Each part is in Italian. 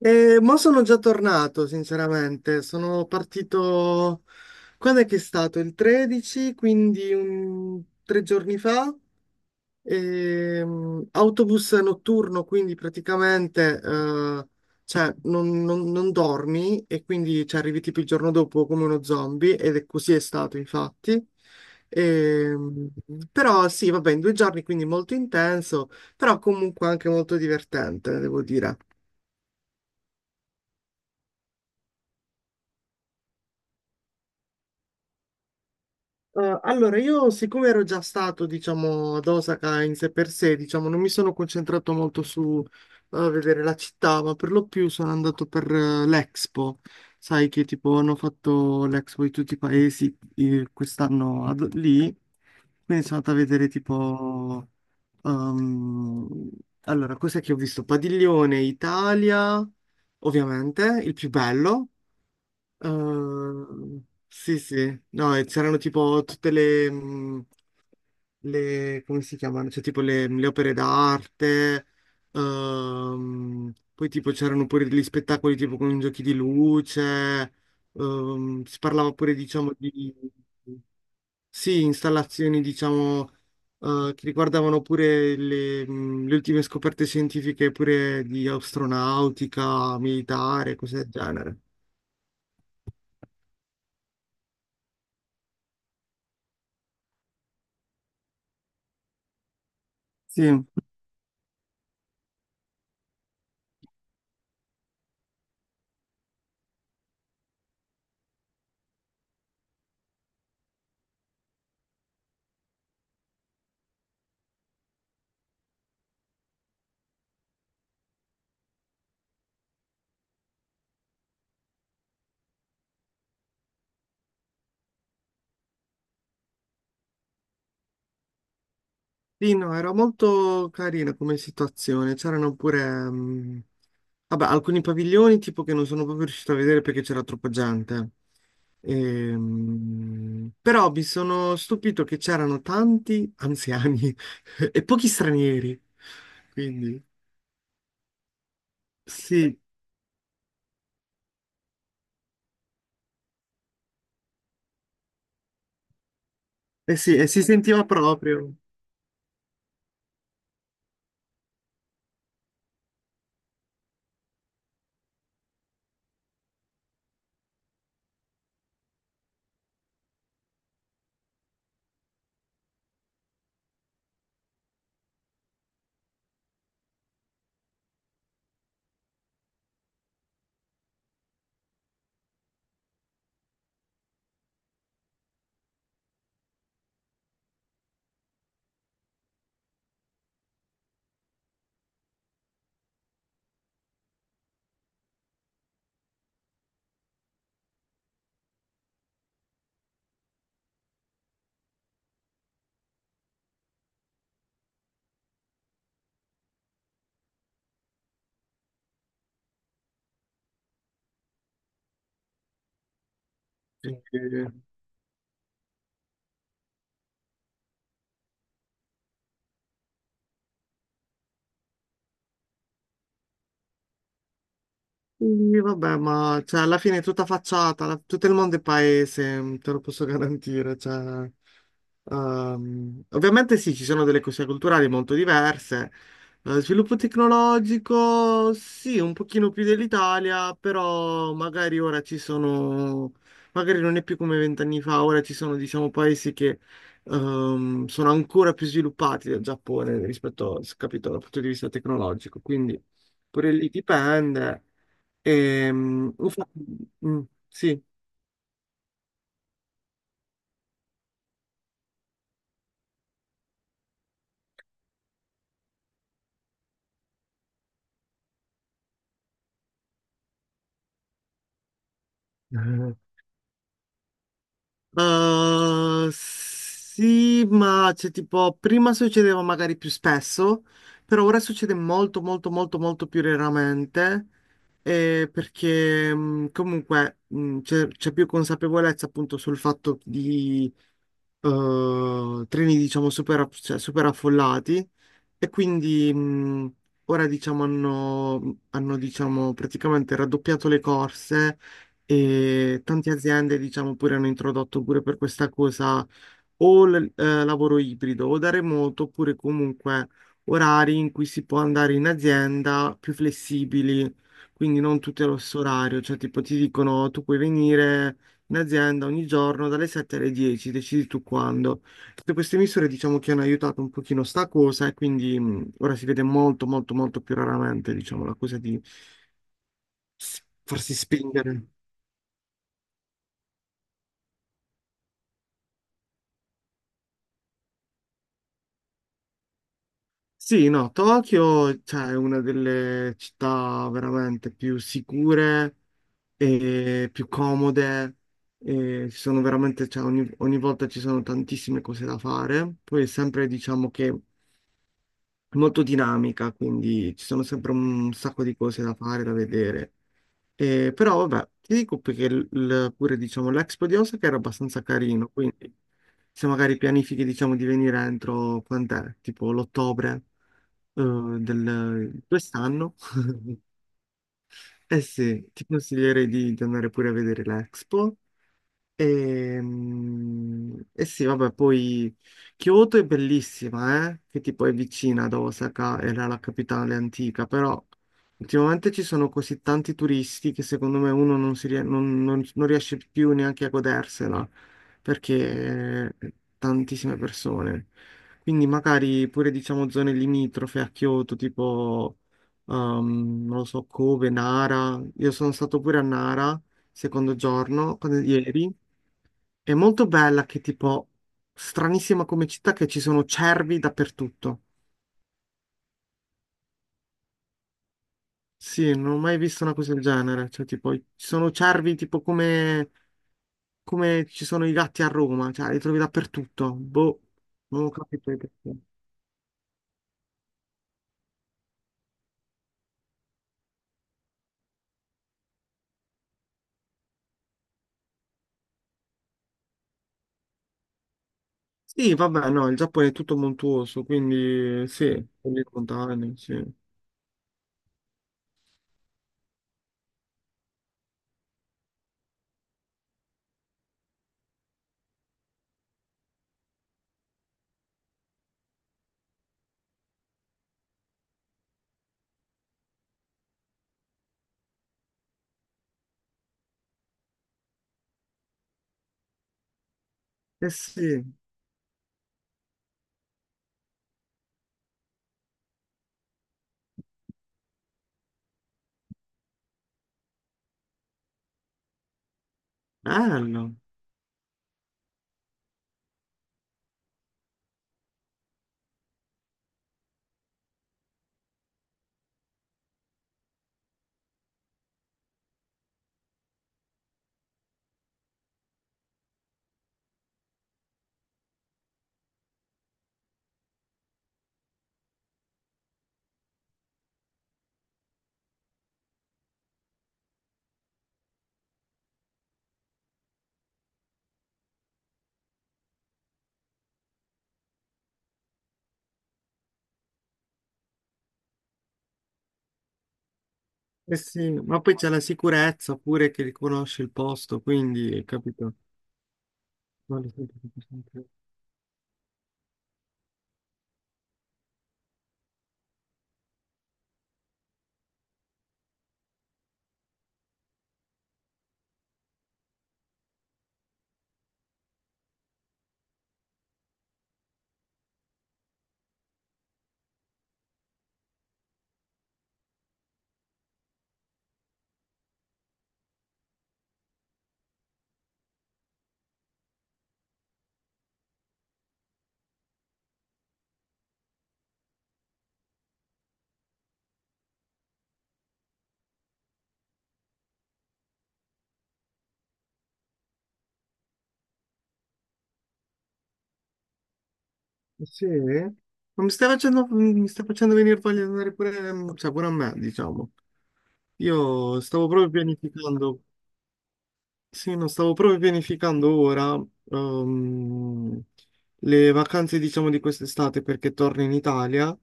Ma sono già tornato, sinceramente. Sono partito... Quando è che è stato? Il 13, quindi tre giorni fa. Autobus notturno, quindi praticamente non dormi e quindi ci arrivi tipo il giorno dopo come uno zombie ed è così è stato, infatti. Ehm, però sì, vabbè, in 2 giorni, quindi molto intenso, però comunque anche molto divertente, devo dire. Allora, io siccome ero già stato, diciamo, ad Osaka in sé per sé, diciamo, non mi sono concentrato molto su vedere la città, ma per lo più sono andato per l'Expo. Sai che tipo hanno fatto l'Expo di tutti i paesi quest'anno lì, quindi sono andato a vedere tipo... ehm, allora, cos'è che ho visto? Padiglione Italia, ovviamente, il più bello. Sì, sì, no, e c'erano tipo tutte come si chiamano? Cioè tipo le opere d'arte, poi tipo c'erano pure degli spettacoli tipo con giochi di luce, si parlava pure diciamo di, sì, installazioni diciamo che riguardavano pure le ultime scoperte scientifiche pure di astronautica, militare, cose del genere. Sì. Sì, no, era molto carina come situazione. C'erano pure, mm, vabbè, alcuni paviglioni tipo che non sono proprio riuscito a vedere perché c'era troppa gente. Però mi sono stupito che c'erano tanti anziani e pochi stranieri. Quindi, sì, eh sì, e si sentiva proprio. Eh, Sì, vabbè, ma cioè, alla fine è tutta facciata, tutto il mondo è paese, mm, te lo posso garantire. Cioè, ovviamente sì, ci sono delle cose culturali molto diverse. Sviluppo tecnologico, sì, un pochino più dell'Italia, però magari ora ci sono, magari non è più come 20 anni fa, ora ci sono, diciamo, paesi che sono ancora più sviluppati del Giappone rispetto, capito, dal punto di vista tecnologico. Quindi pure lì dipende. Infatti, mm, sì. Sì, ma c'è tipo, prima succedeva magari più spesso, però ora succede molto, molto, molto, molto più raramente, perché comunque c'è più consapevolezza appunto sul fatto treni diciamo cioè, super affollati e quindi ora diciamo hanno diciamo praticamente raddoppiato le corse e tante aziende diciamo pure hanno introdotto pure per questa cosa o lavoro ibrido o da remoto, oppure comunque orari in cui si può andare in azienda più flessibili, quindi non tutti allo stesso orario, cioè tipo ti dicono tu puoi venire in azienda ogni giorno dalle 7 alle 10, decidi tu quando. Tutte queste misure diciamo che hanno aiutato un pochino sta cosa e quindi ora si vede molto molto molto più raramente diciamo la cosa di farsi spingere. Sì, no, Tokyo, cioè, è una delle città veramente più sicure e più comode. E ci sono veramente, cioè, ogni volta ci sono tantissime cose da fare. Poi è sempre, diciamo che è molto dinamica, quindi ci sono sempre un sacco di cose da fare, da vedere. E, però, vabbè, ti dico perché pure, diciamo, l'Expo di Osaka era abbastanza carino, quindi se magari pianifichi, diciamo, di venire entro, quant'è? Tipo l'ottobre eh, del quest'anno. Eh sì, ti consiglierei di andare pure a vedere l'Expo e, e sì, vabbè, poi Kyoto è bellissima, eh? Che tipo è vicina ad Osaka, era la capitale antica, però ultimamente ci sono così tanti turisti che secondo me uno non, non riesce più neanche a godersela, perché tantissime persone. Quindi magari pure diciamo zone limitrofe a Kyoto, tipo, non lo so, Kobe, Nara. Io sono stato pure a Nara, secondo giorno, ieri. È molto bella che tipo stranissima come città che ci sono cervi dappertutto. Sì, non ho mai visto una cosa del genere. Cioè, tipo, ci sono cervi tipo come, come ci sono i gatti a Roma, cioè li trovi dappertutto. Boh, non ho capito il perché. Sì, vabbè, no, il Giappone è tutto montuoso, quindi sì, con le montagne, sì. Eh sì, bello. Eh sì, ma poi c'è la sicurezza pure che riconosce il posto, quindi capito. Vale sempre tutto. Sì? Ma mi stai facendo venire voglia di andare pure, cioè pure a me, diciamo. Io stavo proprio pianificando, sì, no, stavo proprio pianificando ora ehm, le vacanze, diciamo, di quest'estate perché torno in Italia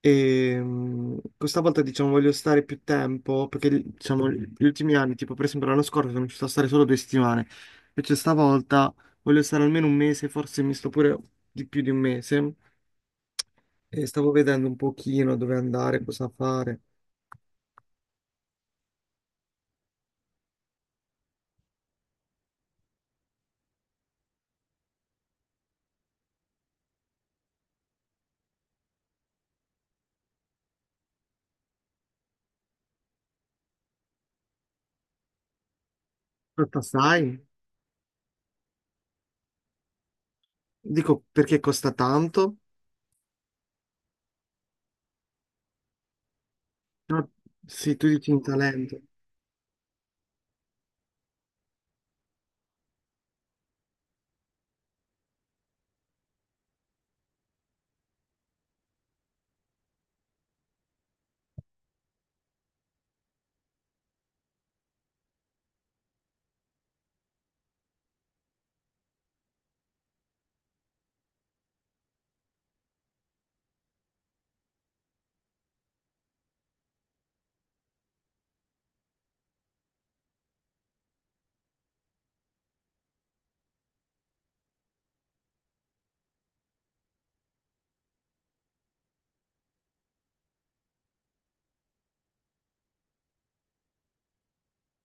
e questa volta, diciamo, voglio stare più tempo perché, diciamo, gli ultimi anni, tipo per esempio l'anno scorso, sono riuscito a stare solo 2 settimane. Invece stavolta voglio stare almeno 1 mese, forse mi sto pure di più di 1 mese e stavo vedendo un pochino dove andare, cosa fare. Aspetta, sai? Dico perché costa tanto? Ah, sì, tu dici in talento.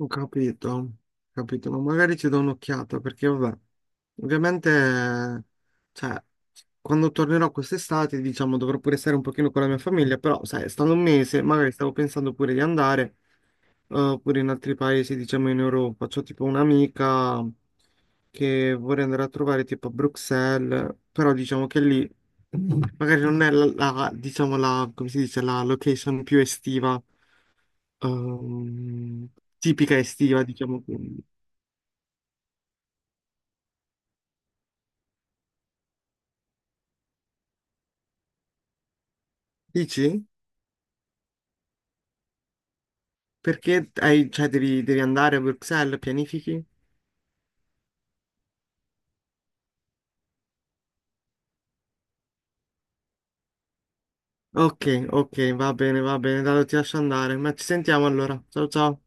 Ho capito, ma magari ci do un'occhiata perché, vabbè, ovviamente, cioè, quando tornerò quest'estate, diciamo, dovrò pure stare un pochino con la mia famiglia, però, sai, stando 1 mese, magari stavo pensando pure di andare. Oppure in altri paesi, diciamo in Europa. C'ho tipo un'amica che vorrei andare a trovare tipo a Bruxelles, però diciamo che lì magari non è diciamo la, come si dice, la location più estiva, ehm, tipica estiva, diciamo. Dici? Perché cioè, devi andare a Bruxelles, pianifichi? Ok, ok, va bene, dai, ti lascio andare, ma ci sentiamo allora. Ciao ciao.